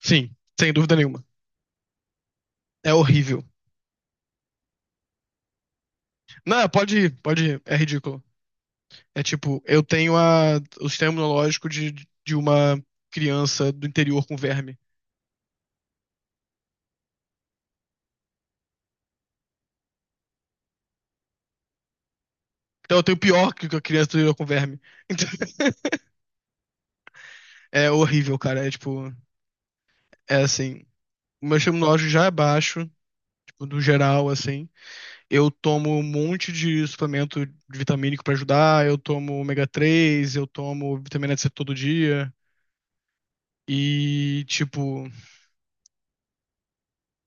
Sim, sem dúvida nenhuma. É horrível. Não, pode ir, pode ir. É ridículo. É tipo, eu tenho o sistema imunológico de uma criança do interior com verme. Então eu tenho pior que a criança do interior com verme. Então, é horrível, cara. É tipo, é assim. O meu sistema imunológico já é baixo, tipo, no geral, assim. Eu tomo um monte de suplemento vitamínico pra ajudar. Eu tomo ômega 3, eu tomo vitamina C todo dia. E, tipo,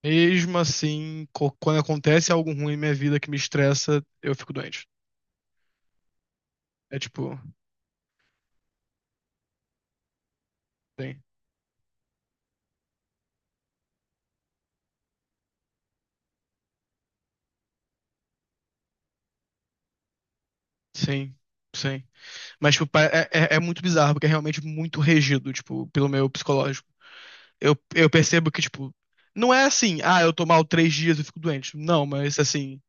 mesmo assim, quando acontece algo ruim em minha vida que me estressa, eu fico doente. É tipo, sim, sim, sim. Mas, tipo, é muito bizarro, porque é realmente muito regido, tipo, pelo meu psicológico. Eu percebo que, tipo, não é assim, ah, eu tô mal 3 dias e fico doente. Não, mas assim,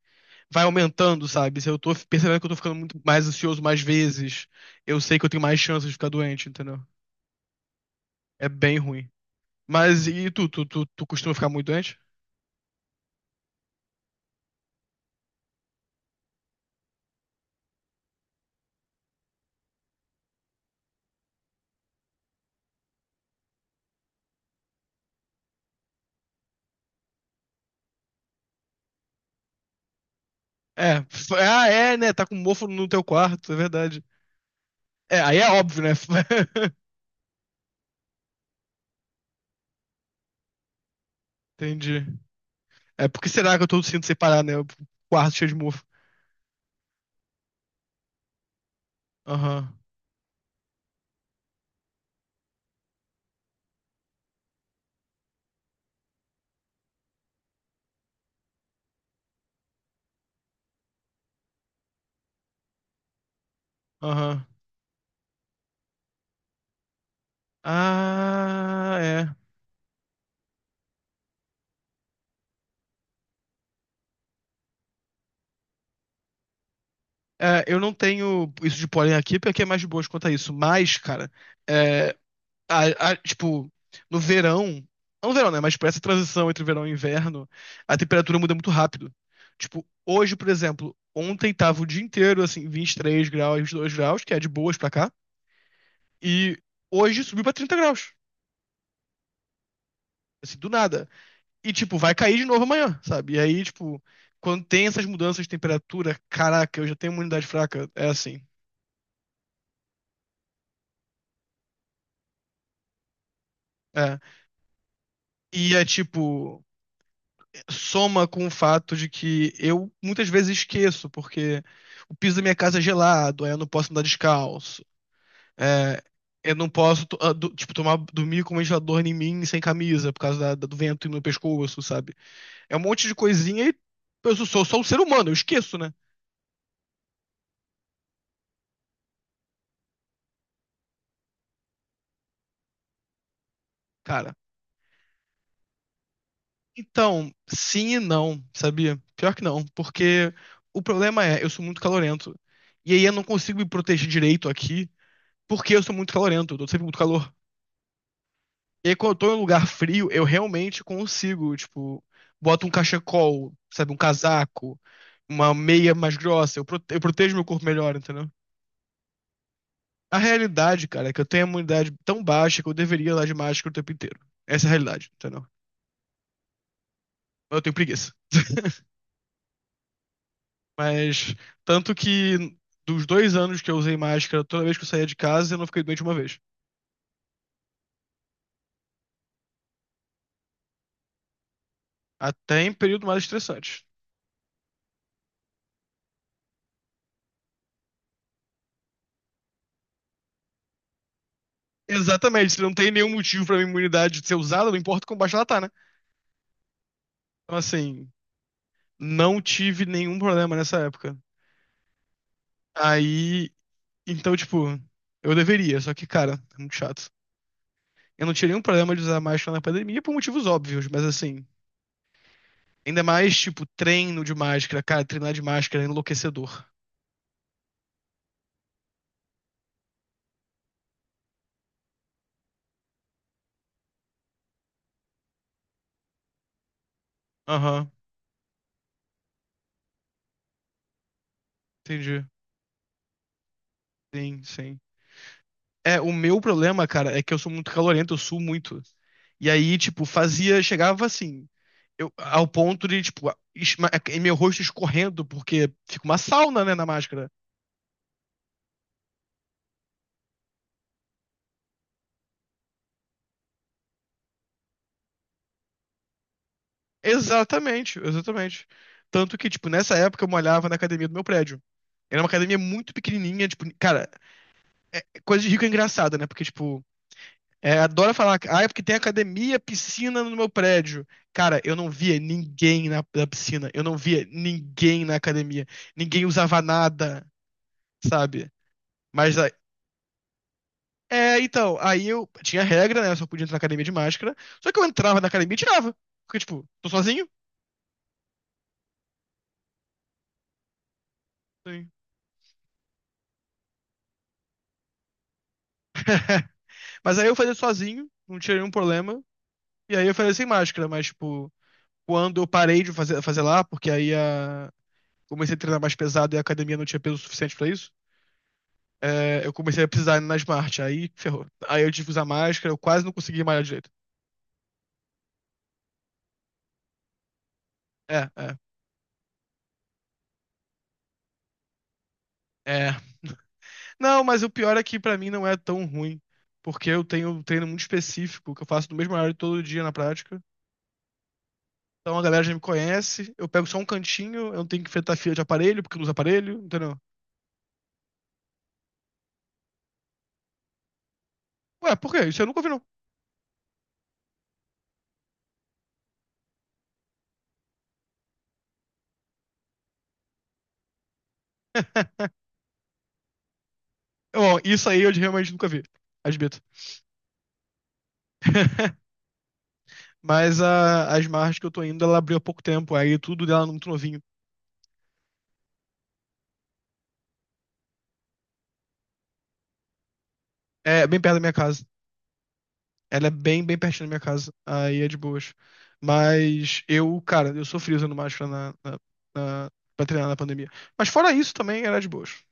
vai aumentando, sabe? Se eu tô percebendo que eu tô ficando muito mais ansioso mais vezes, eu sei que eu tenho mais chances de ficar doente, entendeu? É bem ruim. Mas e tu costuma ficar muito doente? É. Ah, é, né? Tá com mofo no teu quarto, é verdade. É, aí é óbvio, né? Entendi. É, por que será que eu tô sinto separar, né? O quarto cheio de mofo. Aham, aham. Ah, é. É, eu não tenho isso de pólen aqui porque é mais de boas quanto a isso. Mas, cara, é, tipo, no verão, não no verão, né? Mas tipo, essa transição entre verão e inverno, a temperatura muda muito rápido. Tipo, hoje, por exemplo, ontem tava o dia inteiro, assim, 23 graus, e 22 graus, que é de boas pra cá, e hoje subiu pra 30 graus, assim, do nada. E, tipo, vai cair de novo amanhã, sabe? E aí, tipo, quando tem essas mudanças de temperatura, caraca, eu já tenho imunidade fraca, é assim. É. E é tipo, soma com o fato de que eu muitas vezes esqueço, porque o piso da minha casa é gelado, aí eu não posso andar descalço. É, eu não posso, tipo, tomar, dormir com um ventilador em mim sem camisa, por causa do vento e no pescoço, sabe? É um monte de coisinha e eu sou, sou só um ser humano, eu esqueço, né, cara? Então, sim e não, sabia? Pior que não, porque o problema é, eu sou muito calorento. E aí eu não consigo me proteger direito aqui, porque eu sou muito calorento, eu tô sempre muito calor. E aí, quando eu tô em um lugar frio, eu realmente consigo, tipo, boto um cachecol, sabe, um casaco, uma meia mais grossa, eu, prote- eu protejo meu corpo melhor, entendeu? A realidade, cara, é que eu tenho a imunidade tão baixa que eu deveria andar de máscara o tempo inteiro. Essa é a realidade, entendeu? Eu tenho preguiça. Mas, tanto que dos 2 anos que eu usei máscara, toda vez que eu saía de casa, eu não fiquei doente uma vez. Até em período mais estressante. Exatamente, se não tem nenhum motivo pra minha imunidade ser usada, não importa quão baixa ela tá, né? Então, assim, não tive nenhum problema nessa época. Aí, então, tipo, eu deveria, só que, cara, é muito chato. Eu não tinha nenhum problema de usar máscara na pandemia por motivos óbvios, mas assim, ainda mais, tipo, treino de máscara, cara, treinar de máscara é enlouquecedor. Aham, entendi. Sim, sim. É, o meu problema, cara, é que eu sou muito calorento, eu suo muito. E aí, tipo, fazia, chegava assim, eu, ao ponto de, tipo, e meu rosto escorrendo, porque fica uma sauna, né, na máscara. Exatamente, exatamente. Tanto que, tipo, nessa época eu malhava na academia do meu prédio. Era uma academia muito pequenininha, tipo, cara, coisa de rico é engraçada, né? Porque, tipo, é, adora falar, ah, é porque tem academia, piscina no meu prédio. Cara, eu não via ninguém na piscina, eu não via ninguém na academia, ninguém usava nada, sabe? Mas, a- é, então, aí eu tinha regra, né? Eu só podia entrar na academia de máscara, só que eu entrava na academia e tirava, porque, tipo, tô sozinho. Sim. Mas aí eu fazia sozinho, não tinha nenhum problema. E aí eu fazia sem máscara, mas, tipo, quando eu parei de fazer, lá, porque aí a... comecei a treinar mais pesado e a academia não tinha peso suficiente pra isso, é, eu comecei a precisar ir na Smart, aí ferrou. Aí eu tive que usar máscara, eu quase não consegui malhar direito. É, é, é. Não, mas o pior é que pra mim não é tão ruim, porque eu tenho um treino muito específico, que eu faço no mesmo horário todo dia na prática. Então a galera já me conhece, eu pego só um cantinho, eu não tenho que enfrentar fila de aparelho, porque eu não uso aparelho, entendeu? Ué, por quê? Isso eu nunca ouvi, não. Bom, isso aí eu realmente nunca vi, admito. Mas as margens que eu tô indo, ela abriu há pouco tempo, aí tudo dela é muito novinho. É bem perto da minha casa. Ela é bem, bem pertinho da minha casa. Aí é de boas. Mas eu, cara, eu sofri usando máscara na- pra treinar na pandemia. Mas fora isso também era de boas.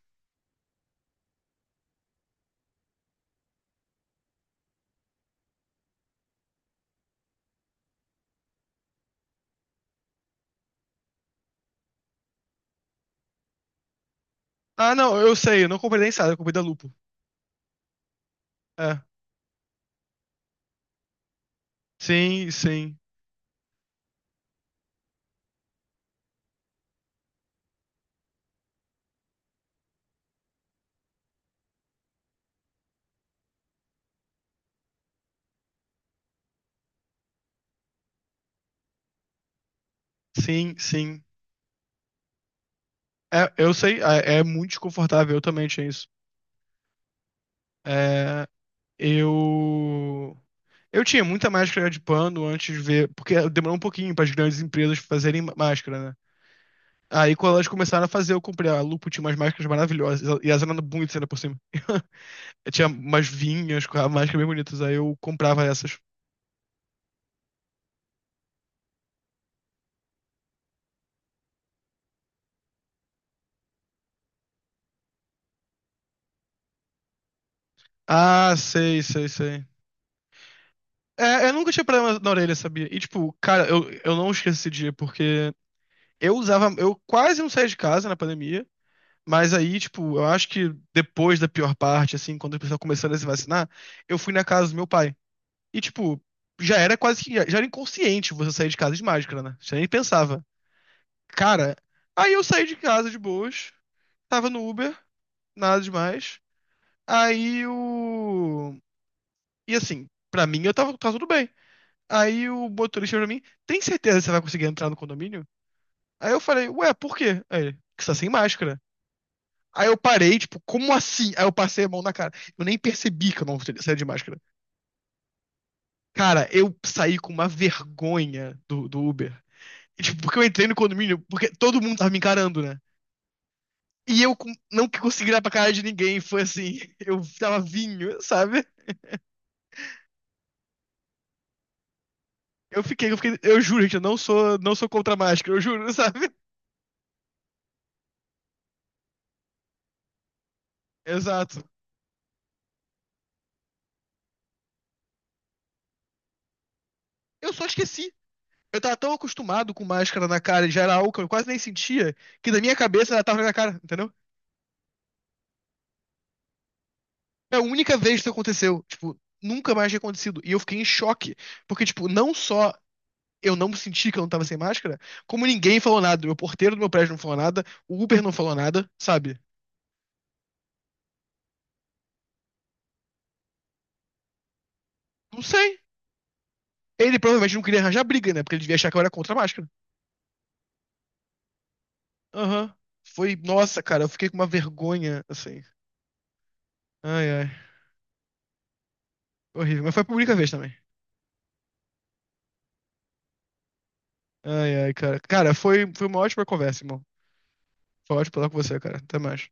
Ah, não, eu sei, eu não comprei da Insider, eu comprei da Lupo. É, sim, sim, sim, sim. É, eu sei, é, é muito desconfortável, eu também tinha isso. É, eu. Eu tinha muita máscara de pano antes de ver, porque demorou um pouquinho para as grandes empresas fazerem máscara, né? Aí quando elas começaram a fazer, eu comprei. A Lupo tinha umas máscaras maravilhosas. E elas eram bonitas ainda por cima. Eu tinha umas vinhas com a máscara bem bonitas. Aí eu comprava essas. Ah, sei, sei, sei. É, eu nunca tinha problema na orelha, sabia? E tipo, cara, eu não esqueço esse dia, porque eu usava. Eu quase não saía de casa na pandemia. Mas aí, tipo, eu acho que depois da pior parte, assim, quando as pessoas começaram a se vacinar, eu fui na casa do meu pai. E, tipo, já era quase que. Já era inconsciente você sair de casa de máscara, né? Você nem pensava. Cara, aí eu saí de casa de boas, tava no Uber, nada demais. Aí o. E assim, pra mim eu tava, tudo bem. Aí o motorista falou pra mim: Tem certeza que você vai conseguir entrar no condomínio? Aí eu falei: Ué, por quê? Aí ele: Que você tá sem máscara. Aí eu parei, tipo, como assim? Aí eu passei a mão na cara. Eu nem percebi que eu não saí de máscara. Cara, eu saí com uma vergonha do Uber. E, tipo, porque eu entrei no condomínio, porque todo mundo tava me encarando, né? E eu não consegui olhar pra cara de ninguém, foi assim, eu tava vinho, sabe? Eu fiquei, eu fiquei, eu juro, gente, eu não sou, não sou contra a máscara, eu juro, sabe? Exato. Eu só esqueci. Eu tava tão acostumado com máscara na cara, e já era álcool, eu quase nem sentia, que da minha cabeça ela tava na minha cara, entendeu? É a única vez que isso aconteceu, tipo, nunca mais tinha acontecido. E eu fiquei em choque, porque, tipo, não só eu não senti que eu não tava sem máscara, como ninguém falou nada. Meu porteiro do meu prédio não falou nada, o Uber não falou nada, sabe? Não sei. Ele provavelmente não queria arranjar briga, né? Porque ele devia achar que eu era contra a máscara. Aham. Foi, nossa, cara, eu fiquei com uma vergonha, assim. Ai, ai. Horrível. Mas foi a única vez também. Ai, ai, cara. Cara, foi, foi uma ótima conversa, irmão. Foi ótimo falar com você, cara. Até mais.